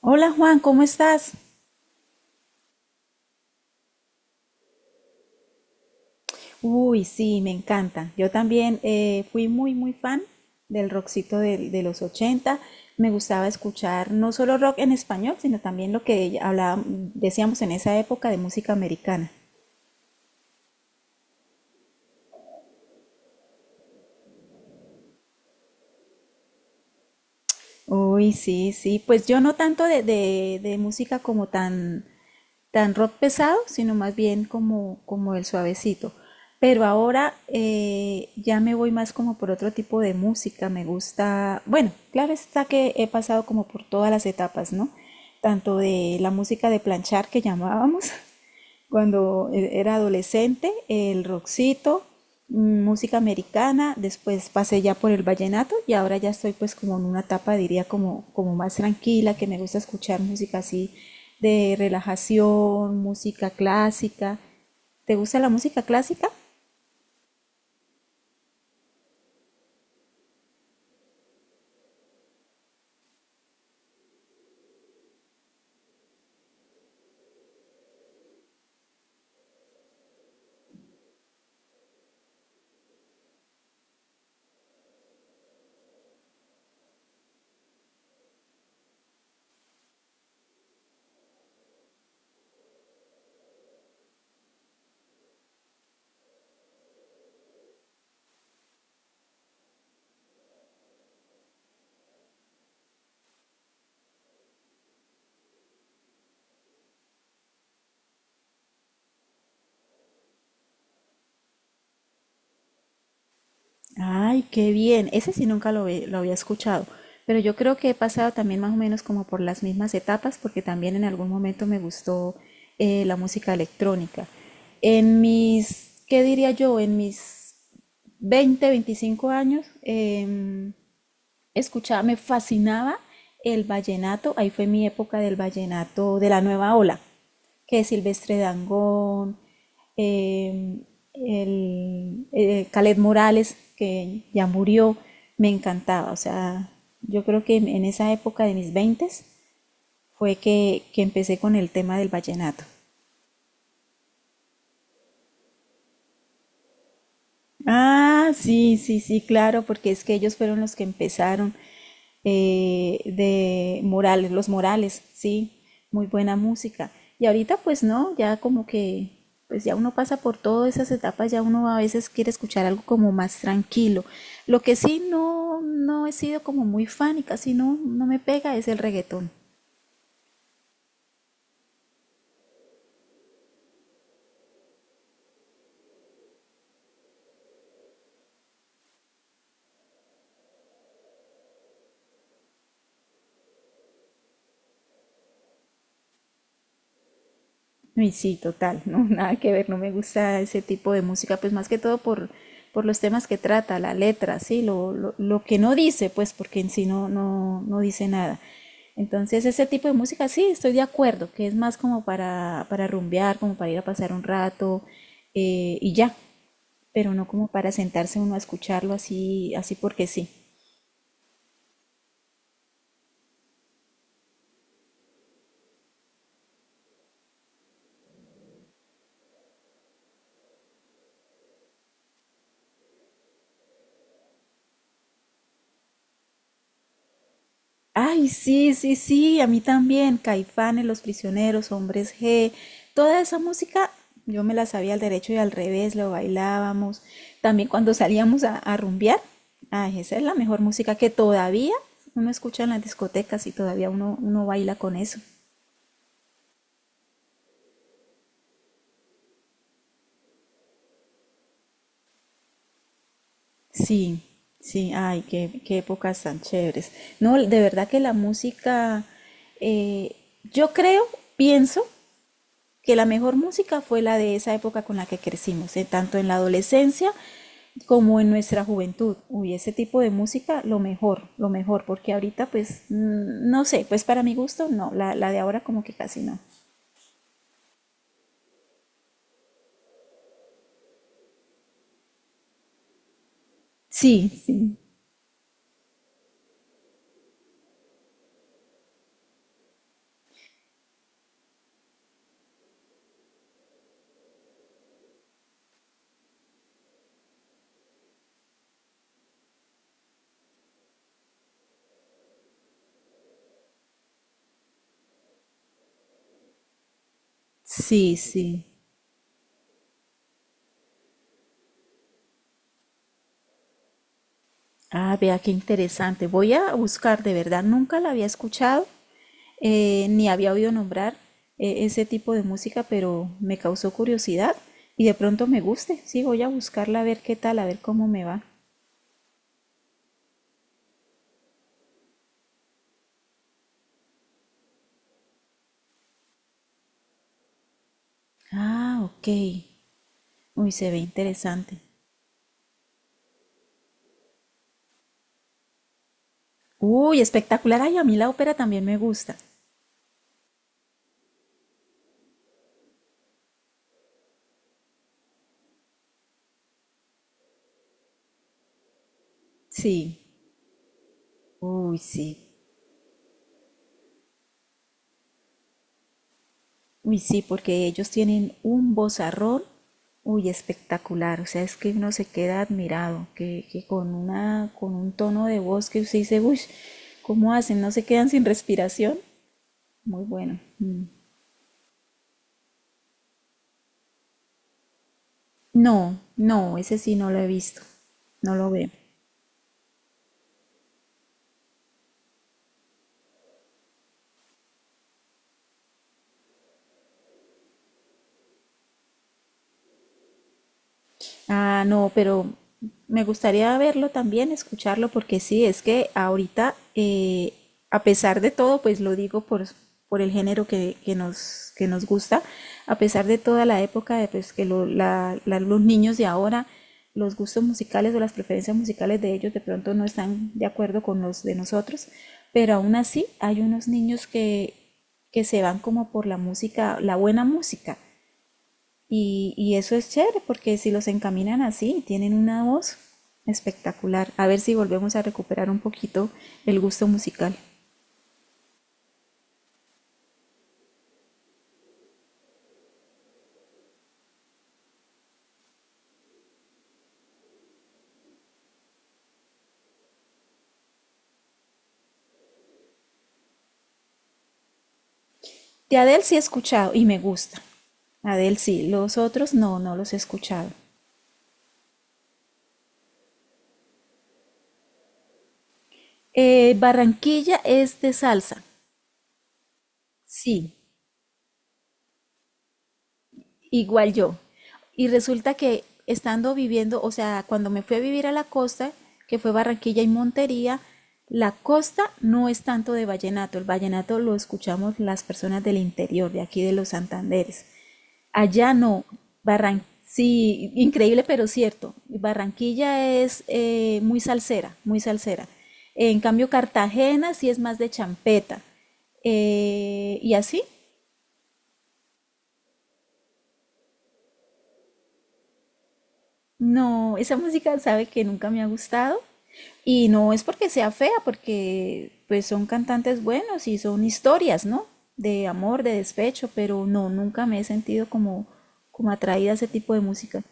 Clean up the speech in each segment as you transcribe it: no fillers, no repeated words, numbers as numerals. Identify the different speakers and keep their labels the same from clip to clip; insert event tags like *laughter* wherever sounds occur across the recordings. Speaker 1: Hola Juan, ¿cómo estás? Uy, sí, me encanta. Yo también fui muy, muy fan del rockcito de los 80. Me gustaba escuchar no solo rock en español, sino también lo que hablábamos, decíamos en esa época de música americana. Uy, sí, sí. Pues yo no tanto de música como tan tan rock pesado, sino más bien como, como el suavecito. Pero ahora ya me voy más como por otro tipo de música, me gusta, bueno, claro está que he pasado como por todas las etapas, ¿no? Tanto de la música de planchar que llamábamos, *laughs* cuando era adolescente, el rockcito, mm, música americana, después pasé ya por el vallenato y ahora ya estoy pues como en una etapa, diría, como, como más tranquila, que me gusta escuchar música así de relajación, música clásica. ¿Te gusta la música clásica? Ay, qué bien. Ese sí nunca lo había escuchado, pero yo creo que he pasado también más o menos como por las mismas etapas, porque también en algún momento me gustó la música electrónica. En mis, ¿qué diría yo? En mis 20, 25 años, escuchaba, me fascinaba el vallenato, ahí fue mi época del vallenato de la nueva ola, que es Silvestre Dangond, eh, el, Caled Morales, que ya murió, me encantaba, o sea, yo creo que en esa época de mis veintes fue que empecé con el tema del vallenato. Ah, sí, sí, sí, claro, porque es que ellos fueron los que empezaron de Morales, los Morales, sí, muy buena música. Y ahorita pues no, ya como que, pues ya uno pasa por todas esas etapas, ya uno a veces quiere escuchar algo como más tranquilo. Lo que sí no, no he sido como muy fan y casi no, no me pega es el reggaetón. Y sí, total, *laughs* no, nada que ver, no me gusta ese tipo de música, pues más que todo por los temas que trata, la letra, sí, lo que no dice, pues porque en sí no, no, no dice nada. Entonces ese tipo de música sí, estoy de acuerdo, que es más como para rumbear, como para ir a pasar un rato y ya, pero no como para sentarse uno a escucharlo así, así porque sí. Ay, sí, sí, sí, a mí también. Caifanes, Los Prisioneros, Hombres G, toda esa música yo me la sabía al derecho y al revés, lo bailábamos. También cuando salíamos a rumbear, ay, esa es la mejor música que todavía uno escucha en las discotecas y todavía uno baila con eso. Sí, sí, ay, qué, qué épocas tan chéveres. No, de verdad que la música, eh, yo creo, pienso que la mejor música fue la de esa época con la que crecimos, tanto en la adolescencia como en nuestra juventud. Uy, ese tipo de música, lo mejor, porque ahorita pues mm, no sé, pues para mi gusto no, la de ahora como que casi no. Sí, sí, sí, sí. Ah, vea qué interesante. Voy a buscar, de verdad, nunca la había escuchado, ni había oído nombrar ese tipo de música, pero me causó curiosidad y de pronto me guste. Sí, voy a buscarla a ver qué tal, a ver cómo me va. Ah, ok. Uy, se ve interesante. Uy, espectacular. Ay, a mí la ópera también me gusta. Sí. Uy, sí. Uy, sí, porque ellos tienen un vozarrón. Uy, espectacular. O sea, es que uno se queda admirado, que con una, con un tono de voz que usted dice, uy, ¿cómo hacen? ¿No se quedan sin respiración? Muy bueno. Mm. No, no, ese sí no lo he visto. No lo veo. Ah, no, pero me gustaría verlo también, escucharlo, porque sí, es que ahorita, a pesar de todo, pues lo digo por el género que nos, que nos gusta, a pesar de toda la época, de, pues que los niños de ahora, los gustos musicales o las preferencias musicales de ellos de pronto no están de acuerdo con los de nosotros, pero aún así hay unos niños que se van como por la música, la buena música. Y eso es chévere porque si los encaminan así, tienen una voz espectacular. A ver si volvemos a recuperar un poquito el gusto musical. De Adele sí he escuchado y me gusta. Adele sí, los otros no, no los he escuchado. Barranquilla es de salsa, sí. Igual yo. Y resulta que estando viviendo, o sea, cuando me fui a vivir a la costa, que fue Barranquilla y Montería, la costa no es tanto de vallenato, el vallenato lo escuchamos las personas del interior, de aquí de los Santanderes. Allá no, Barran sí, increíble pero cierto, Barranquilla es muy salsera, muy salsera. En cambio, Cartagena sí es más de champeta. Y así. No, esa música sabe que nunca me ha gustado y no es porque sea fea, porque pues son cantantes buenos y son historias, ¿no? De amor, de despecho, pero no, nunca me he sentido como, como atraída a ese tipo de música.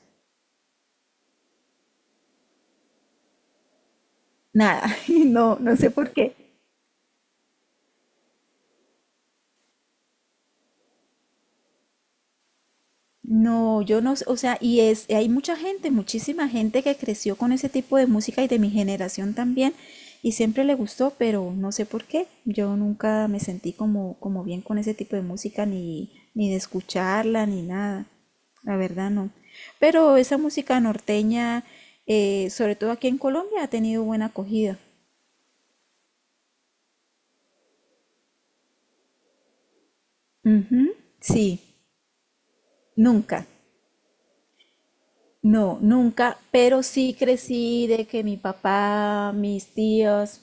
Speaker 1: Nada, *laughs* no, no sé por qué. No, yo no, o sea, y es, hay mucha gente, muchísima gente que creció con ese tipo de música y de mi generación también, y siempre le gustó, pero no sé por qué. Yo nunca me sentí como, como bien con ese tipo de música, ni, ni de escucharla, ni nada. La verdad no. Pero esa música norteña, sobre todo aquí en Colombia, ha tenido buena acogida. Ujú, sí, nunca. No, nunca, pero sí crecí de que mi papá, mis tíos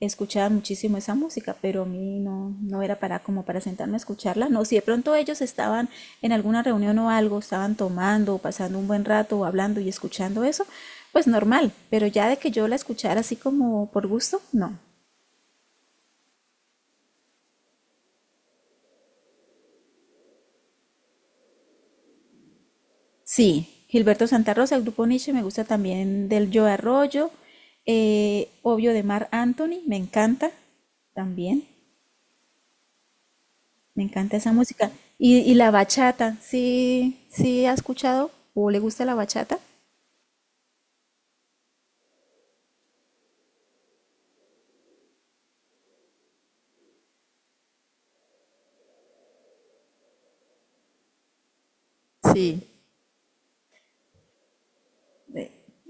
Speaker 1: escuchaban muchísimo esa música, pero a mí no, no era para como para sentarme a escucharla. No, si de pronto ellos estaban en alguna reunión o algo, estaban tomando, o pasando un buen rato, o hablando y escuchando eso, pues normal, pero ya de que yo la escuchara así como por gusto, no. Sí, Gilberto Santa Rosa, el grupo Nietzsche, me gusta también del Yo Arroyo, obvio de Mar Anthony, me encanta también. Me encanta esa música. Y la bachata, ¿sí, sí ha escuchado o le gusta la bachata? Sí,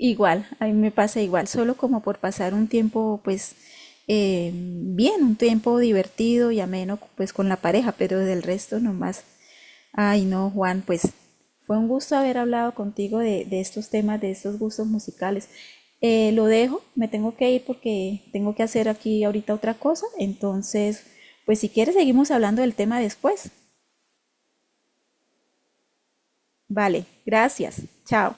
Speaker 1: igual, a mí me pasa igual, solo como por pasar un tiempo, pues, bien, un tiempo divertido y ameno, pues, con la pareja, pero del resto nomás. Ay, no, Juan, pues, fue un gusto haber hablado contigo de estos temas, de estos gustos musicales. Lo dejo, me tengo que ir porque tengo que hacer aquí ahorita otra cosa, entonces, pues, si quieres, seguimos hablando del tema después. Vale, gracias, chao.